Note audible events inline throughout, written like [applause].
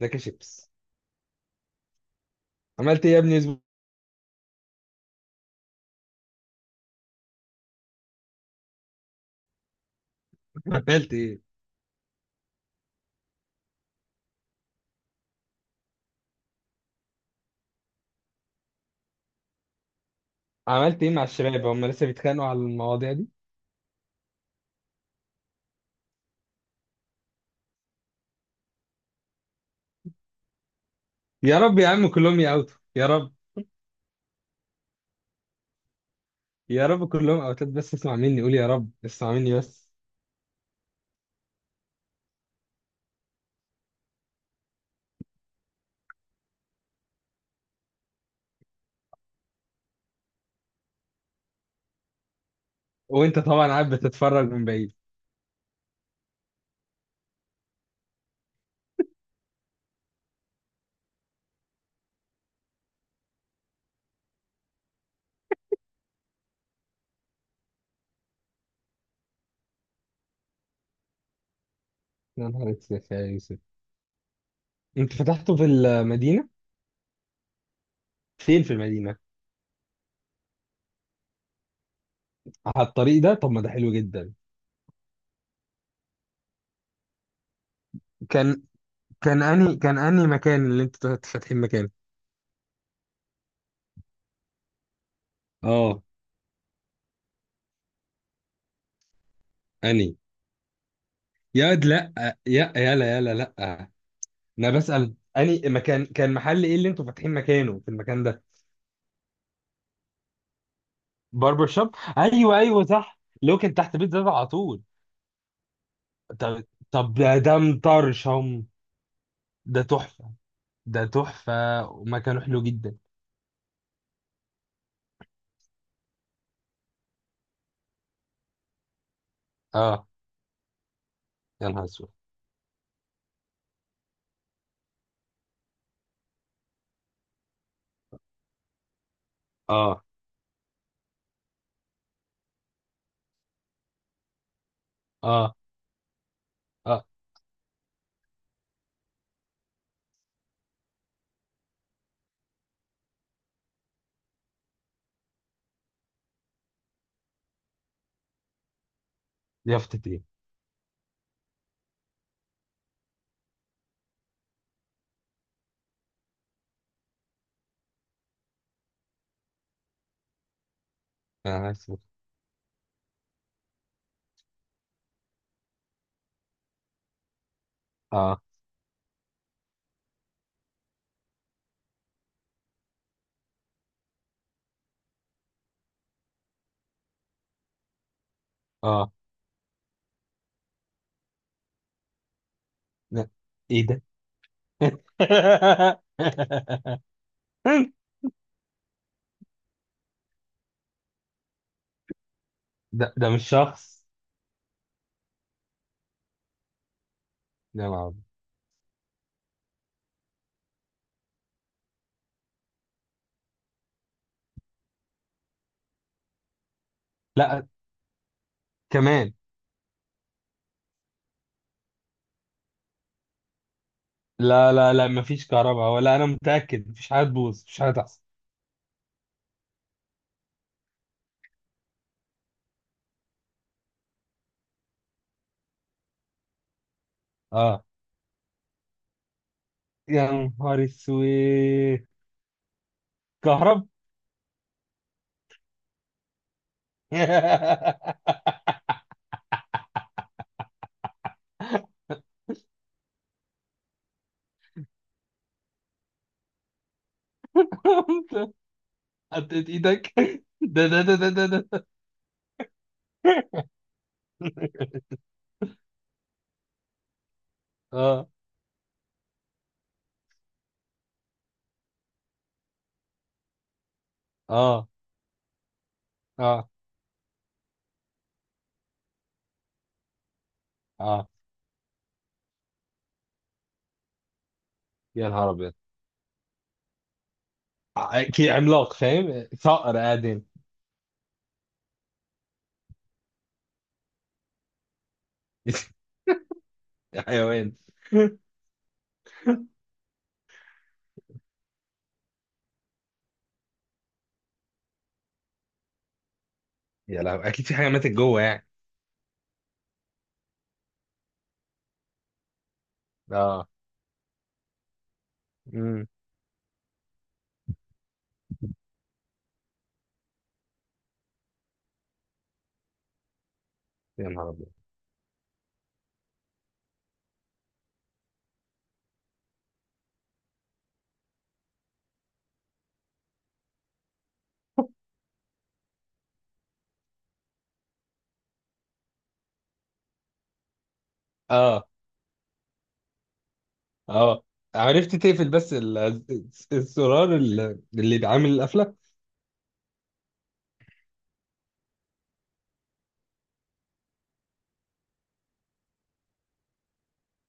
ذاك شيبس. عملت ايه يا ابني الاسبوع اللي فات؟ عملت ايه مع الشباب؟ هم لسه بيتخانقوا على المواضيع دي؟ يا رب يا عم، كلهم يأوتوا يا رب. يا رب كلهم اوتات، بس اسمع مني، قول يا رب، اسمع مني بس. وانت طبعا قاعد بتتفرج من بعيد؟ يا نهار اسود يا يوسف! انت فتحته في المدينه؟ فين في المدينه؟ على الطريق ده؟ طب ما ده حلو جدا. كان كان اني مكان اللي انتوا فاتحين مكانه. اه. اني يا واد لا، يا يلا يلا لا. انا بسأل اني مكان كان محل ايه اللي انتوا فاتحين مكانه في المكان ده؟ باربر شوب، ايوه ايوه صح، اللي هو كان تحت بيت زاد على طول. طب طب، ده مطرشم. ده تحفة. ده تحفة. ومكانه حلو جدا. اه. يا نهار اسود. اه، اه، اه. يافطة ايه؟ يا نهار اسود. اه، اه. لا. ايه ده؟ [laughs] ده مش شخص. يا نهار أبيض. لا، كمان. لا، لا، لا، مفيش كهرباء، ولا انا متاكد مفيش حاجه تبوظ، مفيش حاجه تحصل. اه. يا نهار اسود. كهرب. [laughs] حطيت ايدك؟ ده ده ده ده ده ده. اه، اه، اه، اه. يا نهار ابيض. اكيد عملاق، فاهم صقر قاعدين. [laughs] حيوان. يا لهوي، اكيد في حاجه ماتت جوه يعني. اه. امم. يا نهار ابيض. اه، اه. عرفت تقفل بس الزرار اللي بيعمل القفله؟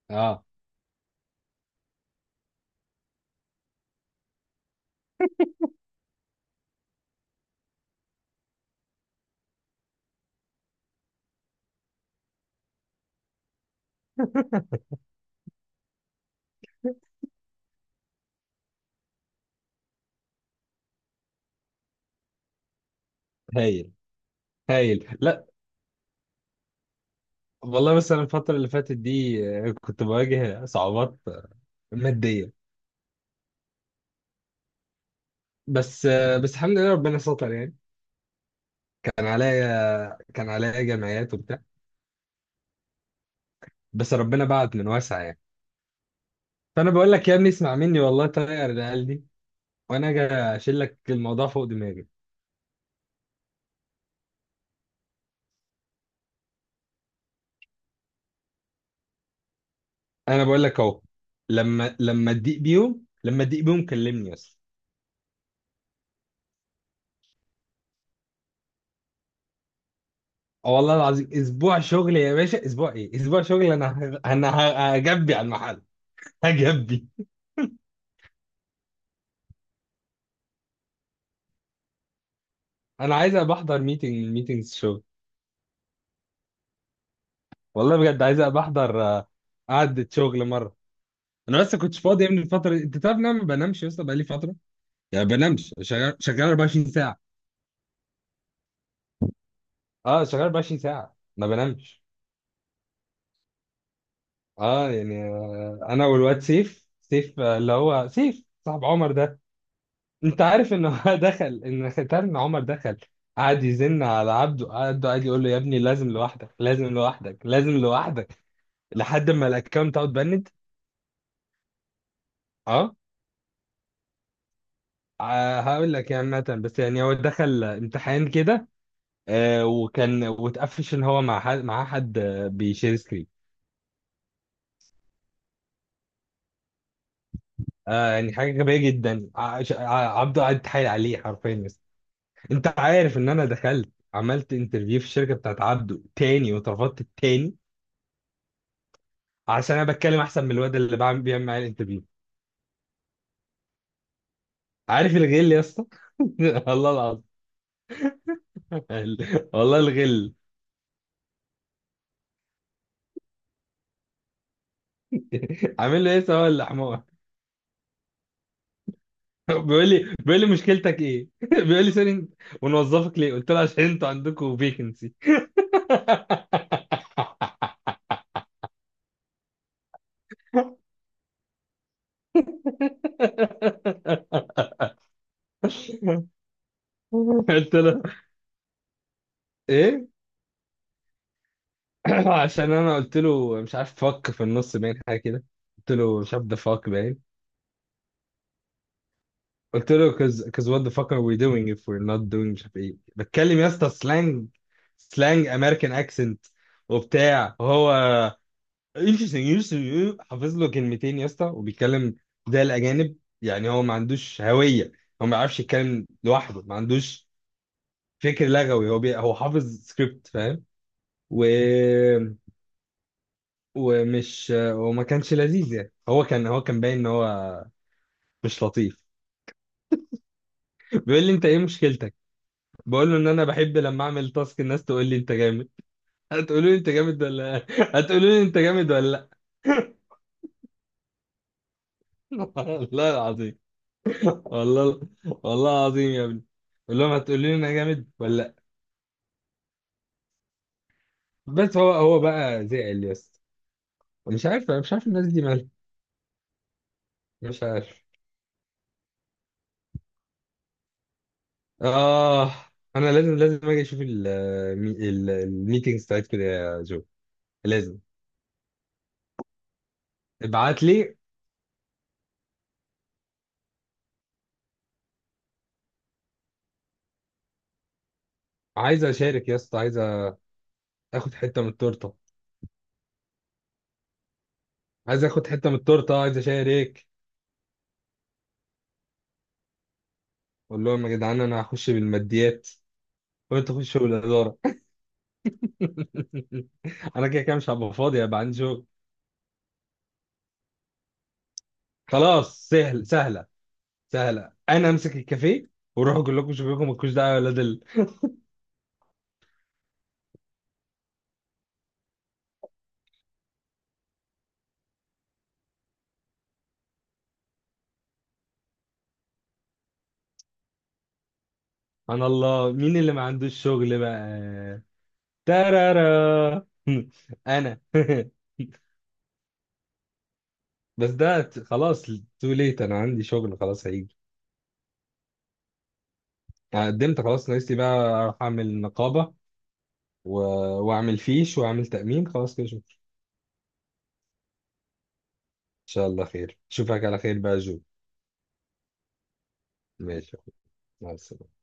اه. هايل. هايل، لا. والله بس انا الفتره اللي فاتت دي، كنت بواجه صعوبات ماديه، بس بس الحمد لله ربنا ستر يعني. كان عليا جمعيات وبتاع، بس ربنا بعت من واسع يعني. فانا بقول لك يا ابني، اسمع مني والله، طير العيال دي، وانا اجي اشيل لك الموضوع فوق دماغي. انا بقول لك اهو، لما تضيق بيهم، لما تضيق بيهم كلمني بس. اه والله العظيم، اسبوع شغل يا باشا، اسبوع ايه؟ اسبوع شغل. انا هجبي على المحل. هجبي. انا عايز ابقى احضر ميتنجز شغل. والله بجد عايز ابقى احضر قعدة شغل مرة. انا بس كنتش فاضي من الفترة دي، انت تعرف ان انا ما بنامش، لسه بقالي فترة يعني ما بنامش، شغال 24 ساعة. اه، شغال 24 ساعة ما بنامش. اه، يعني انا والواد سيف اللي هو سيف صاحب عمر ده. انت عارف ان هو [laughs] دخل، ان انت عارف ان عمر دخل، قعد يزن على عبده. عبده قعد يقول له يا ابني لازم لوحدك، لازم لوحدك، لازم لوحدك، لحد ما الاكونت اوت بند. اه. هقول لك يعني مثلا، بس يعني هو دخل امتحان كده، وكان واتقفش ان هو مع حد بيشير سكرين. يعني حاجه غبيه جدا. عبده قعد يتحايل عليه حرفيا بس. انت عارف ان انا دخلت، عملت انترفيو في الشركه بتاعت عبده تاني، واترفضت التاني، عشان انا بتكلم احسن من الواد اللي بيعمل معايا الانترفيو. عارف الغل يا اسطى؟ [laughs] والله العظيم. والله الغل. عامل له ايه سواء الحمار. [laughs] بيقول لي مشكلتك ايه؟ [laughs] بيقول لي سوري، ونوظفك ليه؟ قلت له عشان انتوا عندكم فيكنسي. [laughs] قلت له ايه؟ [clears throat] عشان انا قلت له مش عارف، فك في النص باين حاجه كده. قلت له مش عارف، ده فك باين. قلت له cause, what the fuck are we doing if we're not doing، مش عارف ايه. بتكلم يا اسطى سلانج امريكان اكسنت، وبتاع. هو يوشي يوشي يو حافظ له كلمتين يا اسطى، وبيتكلم زي الاجانب. يعني هو ما عندوش هويه، هو ما بيعرفش يتكلم لوحده، ما عندوش فكر لغوي. هو حافظ سكريبت فاهم. و... ومش وما كانش لذيذ يعني. هو كان باين ان هو مش لطيف. [laughs] بيقول لي انت ايه مشكلتك؟ بقول له ان انا بحب لما اعمل تاسك الناس تقول لي انت جامد. هتقولوا لي انت جامد ولا، [laughs] هتقولوا لي انت جامد ولا لا؟ [laughs] والله العظيم. والله، والله العظيم يا ابني، قول لهم هتقول لي انا جامد ولا لا. بس هو بقى زعل يا اسطى. مش عارف، انا مش عارف الناس دي مالها. مش عارف. اه، انا لازم اجي اشوف الميتينجز بتاعتكم كده يا جو، لازم. ابعت لي. عايز اشارك يا اسطى، عايز اخد حته من التورته، عايز اخد حته من التورته، عايز اشارك. قول لهم يا جدعان انا هخش بالماديات، وانتوا خشوا بالاداره. [laughs] انا كده كده مش هبقى فاضي، هبقى عندي شغل. خلاص، سهلة، أنا أمسك الكافيه وأروح أقول لكم شوفوا لكم، مالكوش دعوة يا ولاد. سبحان الله، مين اللي ما عندوش شغل بقى؟ ترارا. [laughs] أنا. [laughs] بس ده خلاص، تو ليت أنا عندي شغل، خلاص هيجي. أنا قدمت خلاص، ناقص لي بقى أروح أعمل نقابة، و... وأعمل فيش، وأعمل تأمين، خلاص كده، شكرا. إن شاء الله خير، أشوفك على خير بقى يا جو. ماشي يا أخوي. مع السلامة.